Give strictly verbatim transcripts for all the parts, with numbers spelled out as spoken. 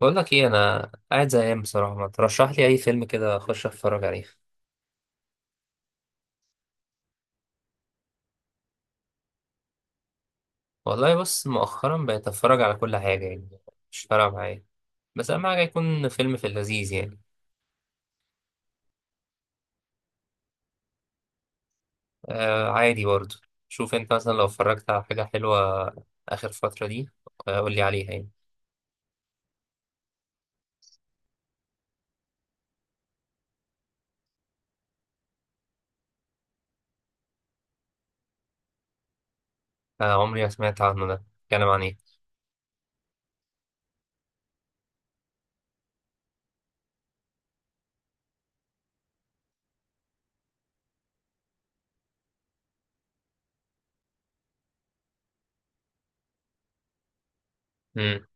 بقول لك ايه، انا قاعد زهقان بصراحه. ما ترشح لي اي فيلم كده اخش اتفرج عليه. والله بص، مؤخرا بقيت اتفرج على كل حاجه يعني. مش فارقه معايا. بس اهم حاجه يكون فيلم في اللذيذ يعني. آه عادي برضه. شوف انت، مثلا لو اتفرجت على حاجه حلوه اخر فتره دي. آه، قول لي عليها يعني. آه، عمري ما سمعت عنه. ده بيتكلم عن ايه؟ امم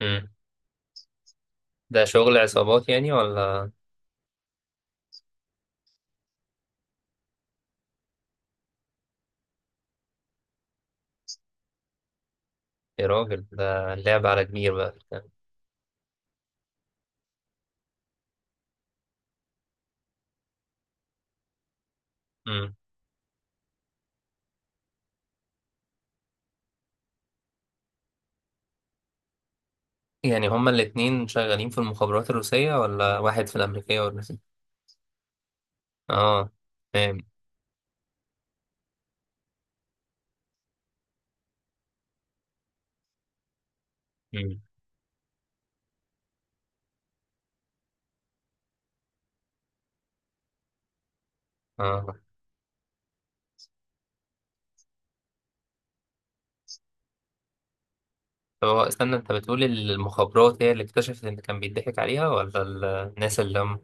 امم ده شغل عصابات يعني ولا؟ يا راجل، ده لعب على كبير بقى. امم يعني هما الاتنين شغالين في المخابرات الروسيه، ولا واحد في الامريكيه والروسية؟ اه، فاهم. مم. اه، طب هو استنى، انت بتقول المخابرات هي اللي اكتشفت ان كان بيضحك عليها، ولا ال- الناس اللي هم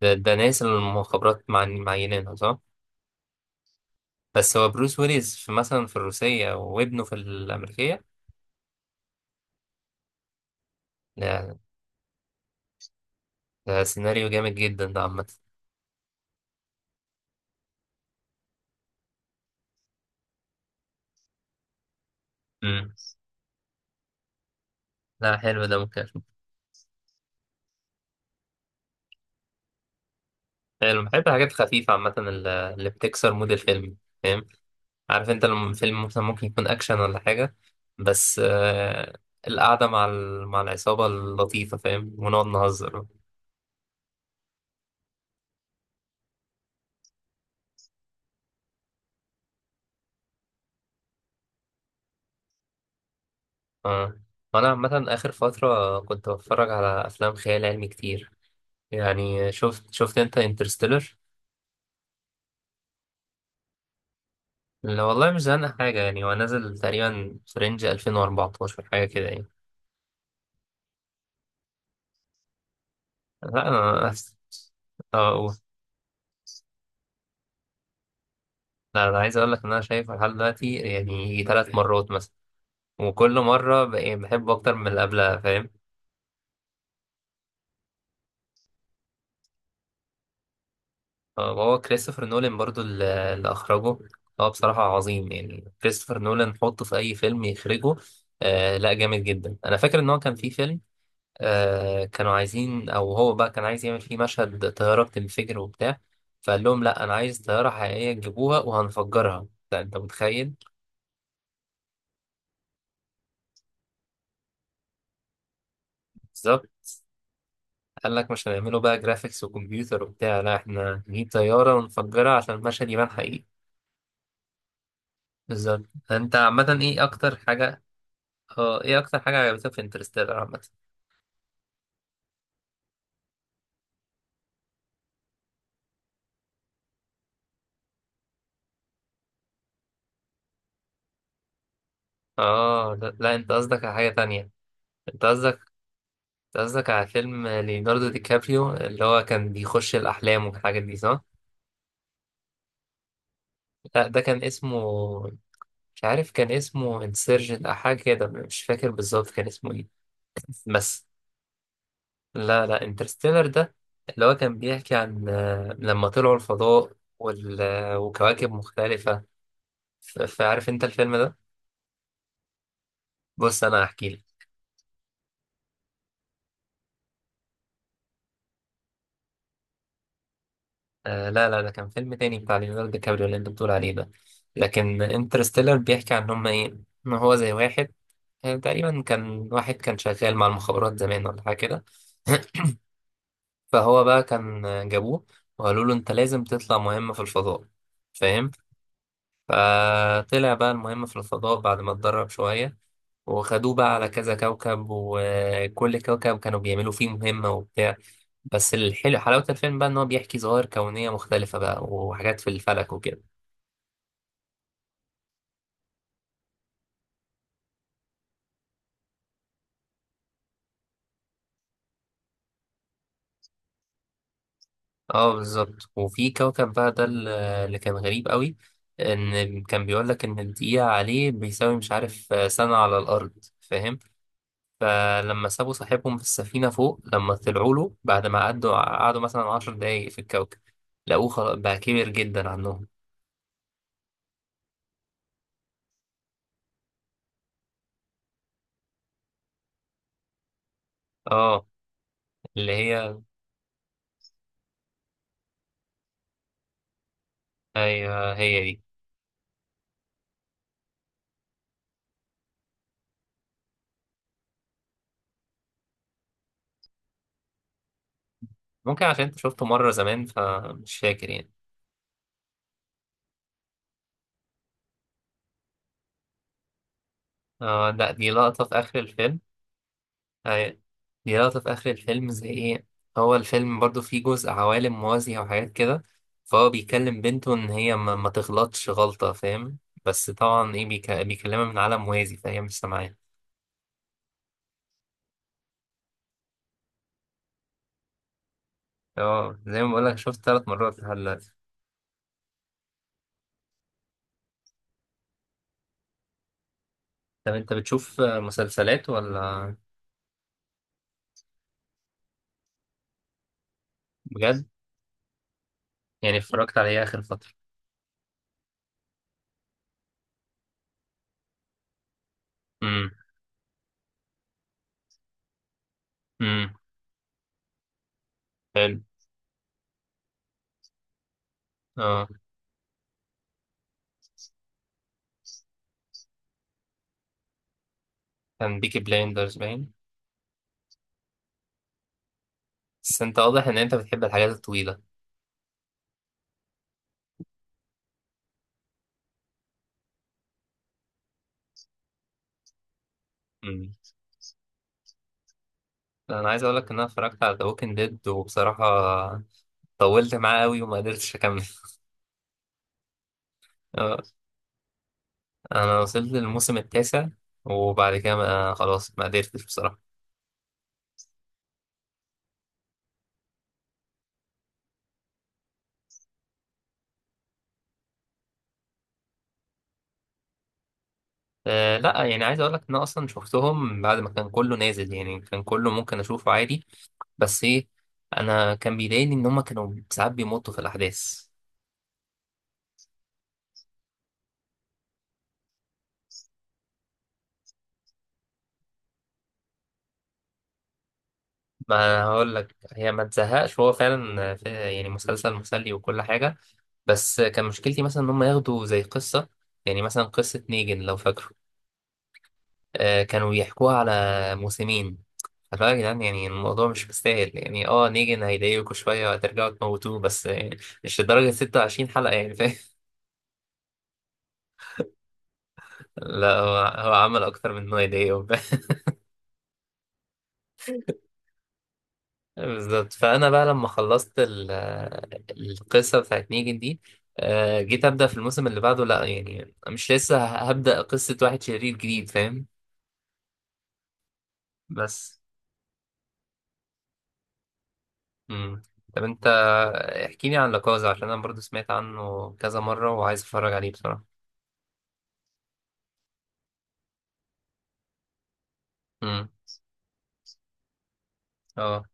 ده, ده ناس اللي المخابرات مع- معينينها، صح؟ بس هو بروس ويلز في مثلا في الروسية، وابنه في الأمريكية؟ ده, ده سيناريو جامد جدا ده عامة. مم. لا حلو ده، ممكن أشوف. حلو، بحب الحاجات الخفيفة عامة، اللي اللي بتكسر مود الفيلم. فاهم؟ عارف انت لما فيلم مثلا ممكن يكون اكشن ولا حاجه، بس آه، القعده مع ال... مع العصابه اللطيفه، فاهم، ونقعد نهزر. اه، وانا عامه اخر فتره كنت بتفرج على افلام خيال علمي كتير. يعني شفت شفت انت انترستيلر؟ لا والله مش زهقان حاجه يعني. هو نازل تقريبا في رينج ألفين وأربعطاشر حاجه كده يعني. لا انا، اه أوه. لا انا عايز اقول لك ان انا شايفه لحد دلوقتي يعني ثلاث مرات مثلا. وكل مره بقى- بحبه اكتر من اللي قبلها، فاهم. آه، وهو كريستوفر نولان برضو اللي اللي أخرجه. هو بصراحة عظيم يعني، كريستوفر نولان حطه في أي فيلم يخرجه. آه لا جامد جدا. أنا فاكر إن هو كان في فيلم، آه، كانوا عايزين، أو هو بقى كان عايز يعمل فيه مشهد طيارة بتنفجر وبتاع. فقال لهم لا، أنا عايز طيارة حقيقية تجيبوها وهنفجرها. ده أنت متخيل؟ بالظبط. قال لك مش هنعمله بقى جرافيكس وكمبيوتر وبتاع، لا إحنا نجيب طيارة ونفجرها عشان المشهد يبان حقيقي. بالظبط. انت عامة ايه اكتر حاجة، اه، ايه اكتر حاجة عجبتك في انترستيلر عامة؟ اه لا, لا انت قصدك على حاجة تانية. انت قصدك انت قصدك على فيلم ليوناردو دي كابريو اللي هو كان بيخش الأحلام والحاجات دي صح؟ لا ده كان اسمه، مش عارف كان اسمه انسيرجن أو حاجة كده، مش فاكر بالظبط كان اسمه ايه. بس لا لا انترستيلر ده اللي هو كان بيحكي عن آه، لما طلعوا الفضاء وال... آه، وكواكب مختلفة. ف- فعارف انت الفيلم ده؟ بص انا هحكي لك. آه لا لا ده كان فيلم تاني بتاع ليوناردو دي كابريو اللي انت بتقول عليه ده. لكن انترستيلر بيحكي عن هم ايه، ان هو زي واحد، آه، تقريبا كان واحد كان شغال مع المخابرات زمان ولا حاجه كده. فهو بقى كان، آه، جابوه وقالوا له انت لازم تطلع مهمه في الفضاء، فاهم. فطلع بقى المهمه في الفضاء بعد ما اتدرب شويه، وخدوه بقى على كذا كوكب، وكل كوكب كانوا بيعملوا فيه مهمة وبتاع. بس الحلو، حلاوة الفيلم بقى إن هو بيحكي ظواهر كونية مختلفة بقى وحاجات في الفلك وكده. اه بالظبط. وفي كوكب بقى ده ال- اللي كان غريب قوي، ان كان بيقول لك ان الدقيقة عليه بيساوي مش عارف آه، سنة على الأرض، فاهم. فلما سابوا صاحبهم في السفينة فوق، لما طلعوا له بعد ما قعدوا قعدوا مثلا عشر دقايق في الكوكب، لقوه خلاص بقى كبير جدا عنهم. اه اللي هي، ايوه هي دي. ممكن عشان انت شفته مرة زمان فمش فاكر يعني. اه لا دي لقطة في آخر الفيلم. أيوة. دي لقطة في آخر الفيلم زي إيه. هو الفيلم برضو فيه جزء عوالم موازية وحاجات كده، فهو بيكلم بنته إن هي ما, ما تغلطش غلطة، فاهم. بس طبعا إيه بيك... بيكلمها من عالم موازي فهي مش سامعاه. اه زي ما بقولك، شفت ثلاث مرات لحد دلوقتي. طب أنت بتشوف مسلسلات ولا؟ بجد؟ يعني اتفرجت على إيه آخر فترة؟ امم امم حلو. اه، كان بيكي بلايندرز باين. بس أنت واضح إن أنت بتحب الحاجات الطويلة. انا عايز اقول لك ان انا اتفرجت على ذا ووكينج ديد، وبصراحه طولت معاه قوي وما قدرتش اكمل. آه، انا وصلت للموسم التاسع وبعد كده ما، خلاص ما قدرتش بصراحه. أه لا، يعني عايز اقول لك ان انا اصلا شفتهم بعد ما كان كله نازل يعني، كان كله ممكن اشوفه عادي. بس ايه، انا كان بيضايقني ان هم كانوا ساعات بيمطوا في الاحداث. ما أنا هقول لك هي ما تزهقش، هو فعلا في- يعني مسلسل مسلي وكل حاجه. بس كان مشكلتي مثلا ان هم ياخدوا زي قصه، يعني مثلا قصه نيجن لو فاكره، آه، كانوا بيحكوها على موسمين. فاللي هو يا جدعان، يعني الموضوع مش مستاهل. يعني اه نيجن هيضايقكوا شوية وهترجعوا تموتوه، بس يعني مش لدرجة ستة وعشرين حلقة يعني، فاهم. لا هو هو عمل أكتر من إنه يضايقهم. بالظبط. فأنا بقى لما خلصت ال- القصة بتاعت نيجن دي، آه، جيت أبدأ في الموسم اللي بعده، لا يعني مش لسه هبدأ قصة واحد شرير جديد، فاهم. بس مم. طب انت احكي لي عن لاكازا، عشان انا برضو سمعت عنه كذا مرة وعايز اتفرج عليه بصراحة. امم اه،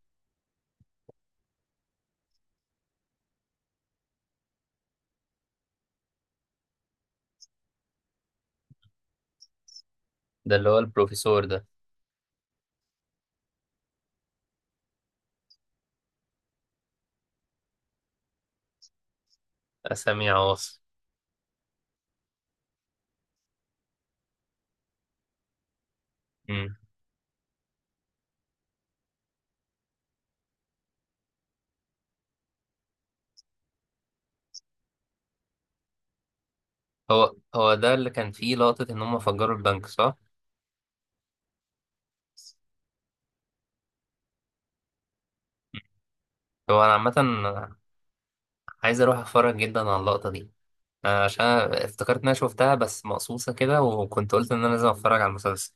ده اللي هو البروفيسور ده. اسامي عواصم. امم هو هو ده اللي كان فيه لقطة ان هم فجروا البنك صح؟ هو انا عامة عايز اروح اتفرج جدا على اللقطة دي، آه، عشان أنا افتكرت ان انا شفتها بس مقصوصة كده، وكنت قلت ان انا لازم اتفرج على المسلسل.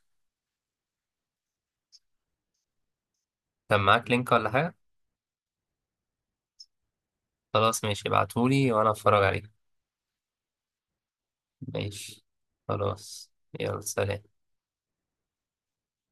كان معاك لينك ولا حاجة؟ خلاص ماشي، ابعتهولي وانا اتفرج عليه. ماشي. خلاص. يلا سلام.